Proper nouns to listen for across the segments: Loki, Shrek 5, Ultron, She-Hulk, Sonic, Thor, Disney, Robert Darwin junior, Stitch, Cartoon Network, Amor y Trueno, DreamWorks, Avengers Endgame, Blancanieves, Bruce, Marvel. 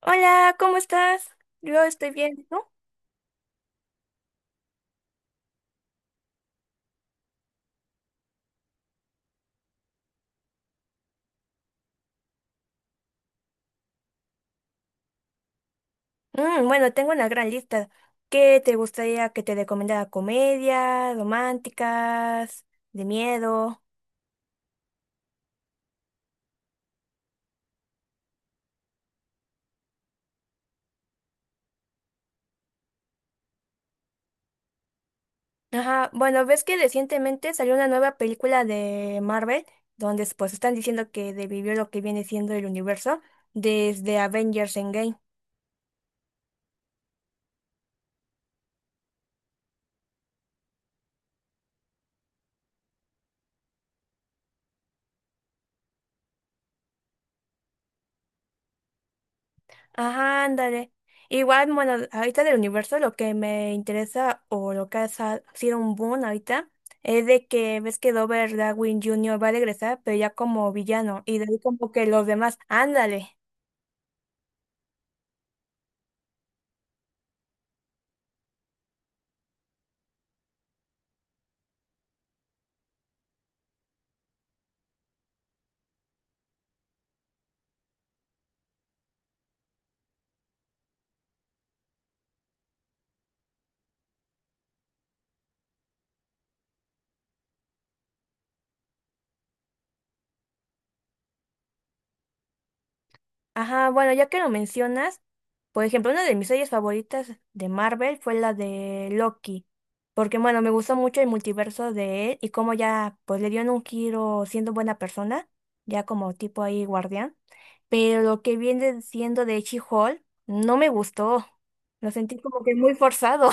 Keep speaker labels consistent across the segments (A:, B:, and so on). A: Hola, ¿cómo estás? Yo estoy bien, ¿no? Bueno, tengo una gran lista. ¿Qué te gustaría que te recomendara? ¿Comedia, románticas, de miedo? Ajá, bueno, ves que recientemente salió una nueva película de Marvel, donde pues están diciendo que vivió lo que viene siendo el universo desde Avengers Endgame. Ajá, ándale. Igual, bueno, ahorita del universo lo que me interesa o lo que ha sido un boom ahorita es de que ves que Robert Darwin junior va a regresar, pero ya como villano, y de ahí como que los demás, ándale. Ajá, bueno, ya que lo mencionas, por ejemplo, una de mis series favoritas de Marvel fue la de Loki, porque bueno, me gustó mucho el multiverso de él y cómo ya pues le dieron un giro siendo buena persona, ya como tipo ahí guardián, pero lo que viene siendo de She-Hulk no me gustó, lo sentí como que muy forzado.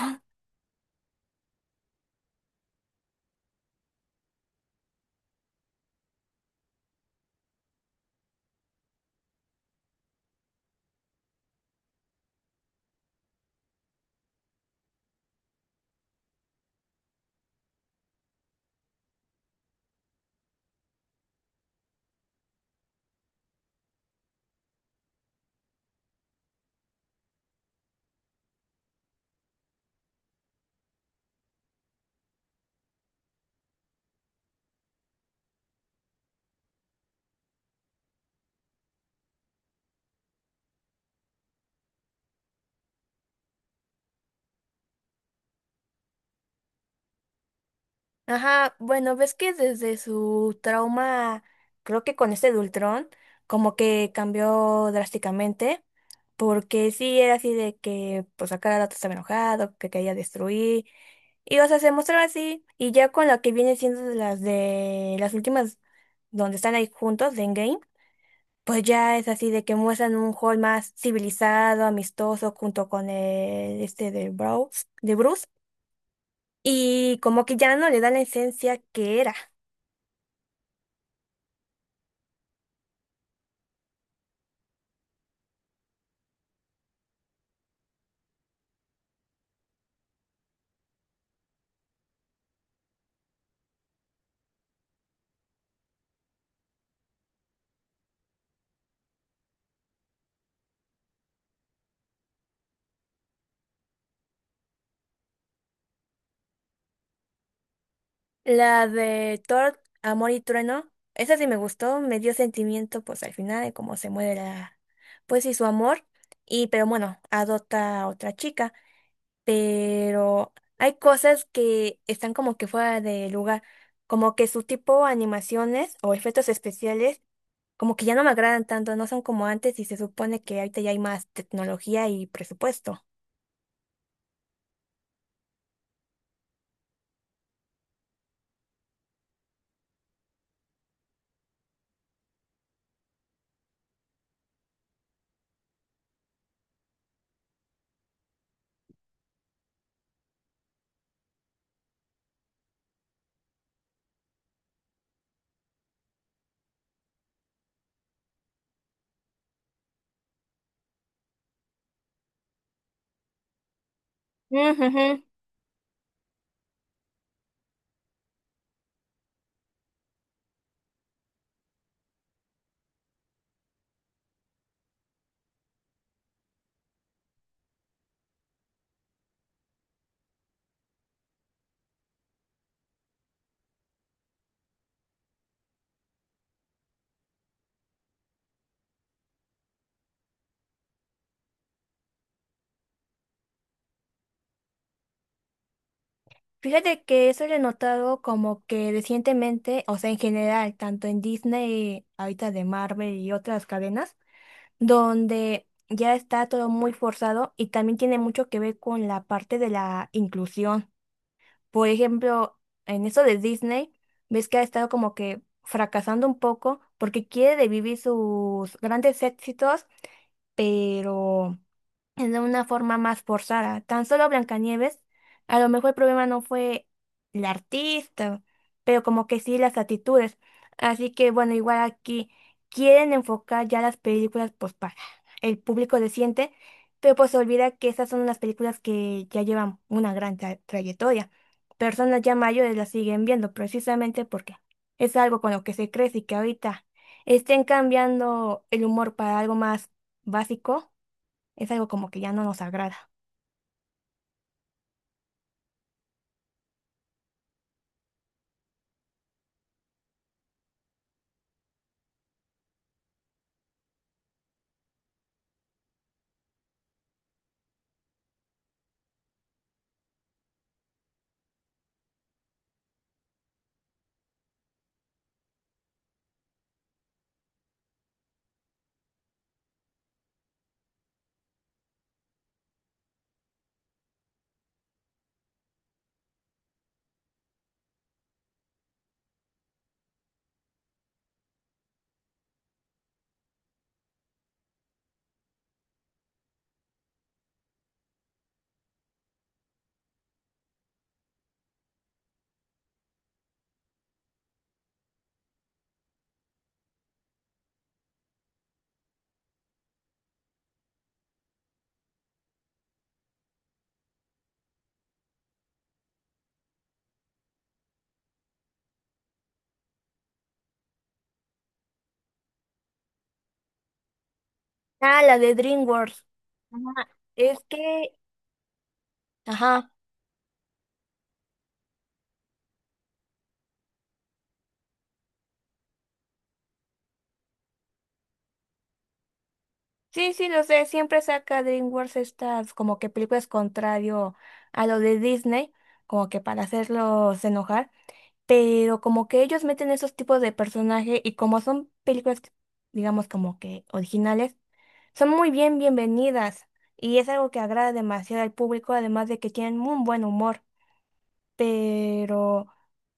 A: Ajá, bueno, ves que desde su trauma, creo que con este de Ultron, como que cambió drásticamente, porque sí era así de que, pues a cada rato estaba enojado, que quería destruir, y o sea, se mostraba así, y ya con lo que viene siendo de las últimas, donde están ahí juntos, de Endgame, pues ya es así de que muestran un Hall más civilizado, amistoso, junto con el, este de Bruce, y como que ya no le da la esencia que era. La de Thor, Amor y Trueno, esa sí me gustó, me dio sentimiento pues al final de cómo se muere la, pues y su amor, y pero bueno, adopta a otra chica, pero hay cosas que están como que fuera de lugar, como que su tipo de animaciones o efectos especiales, como que ya no me agradan tanto, no son como antes y se supone que ahorita ya hay más tecnología y presupuesto. Fíjate que eso lo he notado como que recientemente, o sea, en general, tanto en Disney, ahorita de Marvel y otras cadenas, donde ya está todo muy forzado y también tiene mucho que ver con la parte de la inclusión. Por ejemplo, en eso de Disney, ves que ha estado como que fracasando un poco porque quiere vivir sus grandes éxitos, pero en una forma más forzada. Tan solo Blancanieves, a lo mejor el problema no fue el artista, pero como que sí las actitudes. Así que bueno, igual aquí quieren enfocar ya las películas pues para el público reciente, pero pues se olvida que esas son las películas que ya llevan una gran trayectoria. Personas ya mayores las siguen viendo precisamente porque es algo con lo que se crece y que ahorita estén cambiando el humor para algo más básico es algo como que ya no nos agrada. Ah, la de DreamWorks. Ajá. Es que, ajá, sí, sí, lo sé, siempre saca DreamWorks estas como que películas contrario a lo de Disney, como que para hacerlos enojar, pero como que ellos meten esos tipos de personajes y como son películas, digamos como que originales, son muy bien bienvenidas y es algo que agrada demasiado al público, además de que tienen un buen humor, pero...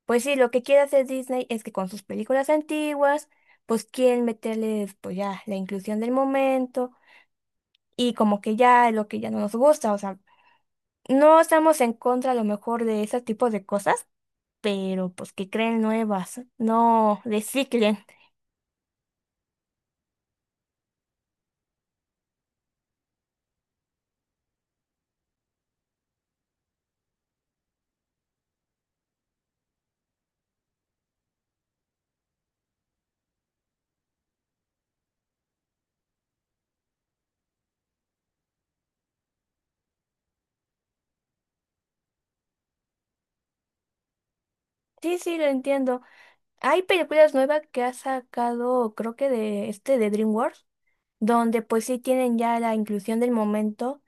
A: Pues sí, lo que quiere hacer Disney es que con sus películas antiguas, pues quieren meterle pues ya la inclusión del momento y como que ya lo que ya no nos gusta, o sea, no estamos en contra a lo mejor de ese tipo de cosas, pero pues que creen nuevas, no reciclen. Sí, sí, lo entiendo. Hay películas nuevas que ha sacado, creo que de este de DreamWorks, donde pues sí tienen ya la inclusión del momento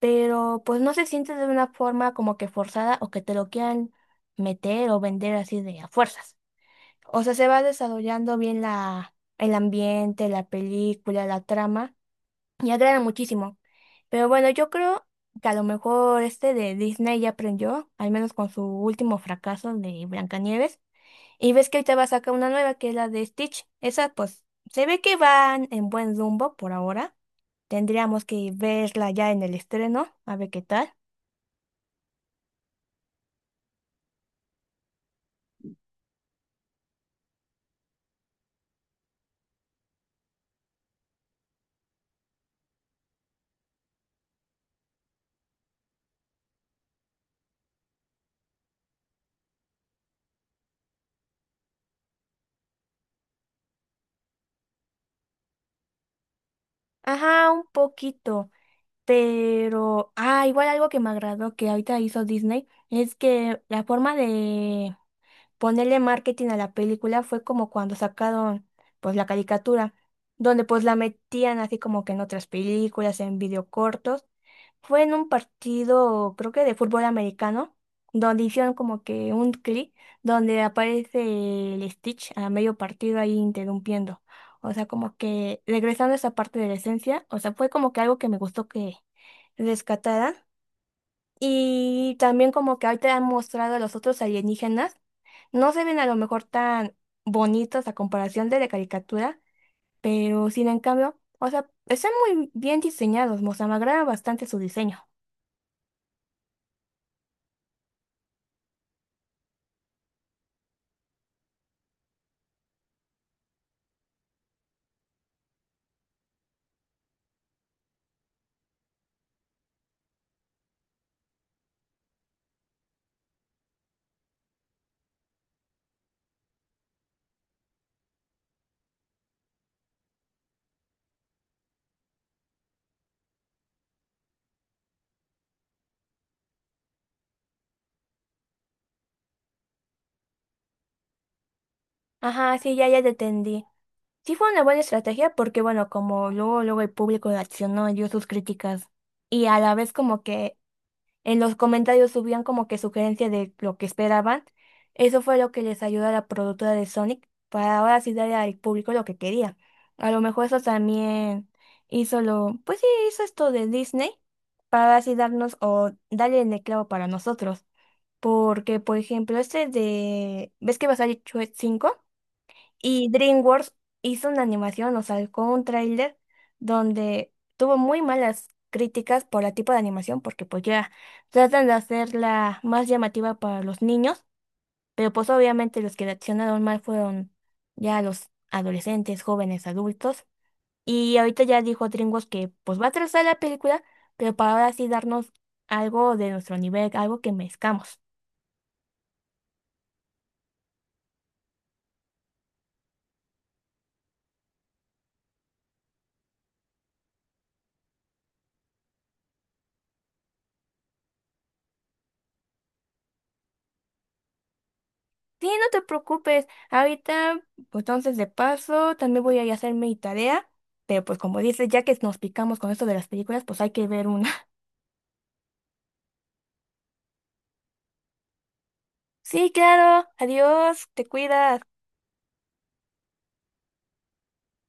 A: pero pues no se siente de una forma como que forzada o que te lo quieran meter o vender así de a fuerzas. O sea, se va desarrollando bien la, el ambiente, la película, la trama y agrada muchísimo. Pero bueno, yo creo que a lo mejor este de Disney ya aprendió, al menos con su último fracaso de Blancanieves. Y ves que ahorita va a sacar una nueva que es la de Stitch. Esa pues se ve que van en buen rumbo por ahora. Tendríamos que verla ya en el estreno, a ver qué tal. Ajá, un poquito, pero, ah, igual algo que me agradó que ahorita hizo Disney es que la forma de ponerle marketing a la película fue como cuando sacaron pues la caricatura, donde pues la metían así como que en otras películas, en videocortos. Fue en un partido, creo que de fútbol americano, donde hicieron como que un clip donde aparece el Stitch a medio partido ahí interrumpiendo. O sea, como que regresando a esa parte de la esencia, o sea, fue como que algo que me gustó que rescataran. Y también como que ahorita han mostrado a los otros alienígenas, no se ven a lo mejor tan bonitos a comparación de la caricatura, pero sin en cambio, o sea, están muy bien diseñados, o sea, me agrada bastante su diseño. Ajá, sí, ya te entendí. Sí fue una buena estrategia porque, bueno, como luego, luego el público reaccionó y dio sus críticas. Y a la vez como que en los comentarios subían como que sugerencias de lo que esperaban. Eso fue lo que les ayudó a la productora de Sonic para ahora sí darle al público lo que quería. A lo mejor eso también hizo lo, pues sí, hizo esto de Disney para así darnos o darle el clavo para nosotros. Porque, por ejemplo, este de, ¿ves que va a salir Shrek 5? Y DreamWorks hizo una animación, o sacó un tráiler donde tuvo muy malas críticas por el tipo de animación, porque pues ya tratan de hacerla más llamativa para los niños, pero pues obviamente los que reaccionaron mal fueron ya los adolescentes, jóvenes, adultos. Y ahorita ya dijo DreamWorks que pues va a trazar la película, pero para ahora sí darnos algo de nuestro nivel, algo que mezclamos. Sí, no te preocupes. Ahorita, pues entonces de paso, también voy a ir a hacer mi tarea. Pero pues como dices, ya que nos picamos con esto de las películas, pues hay que ver una. Sí, claro. Adiós. Te cuidas.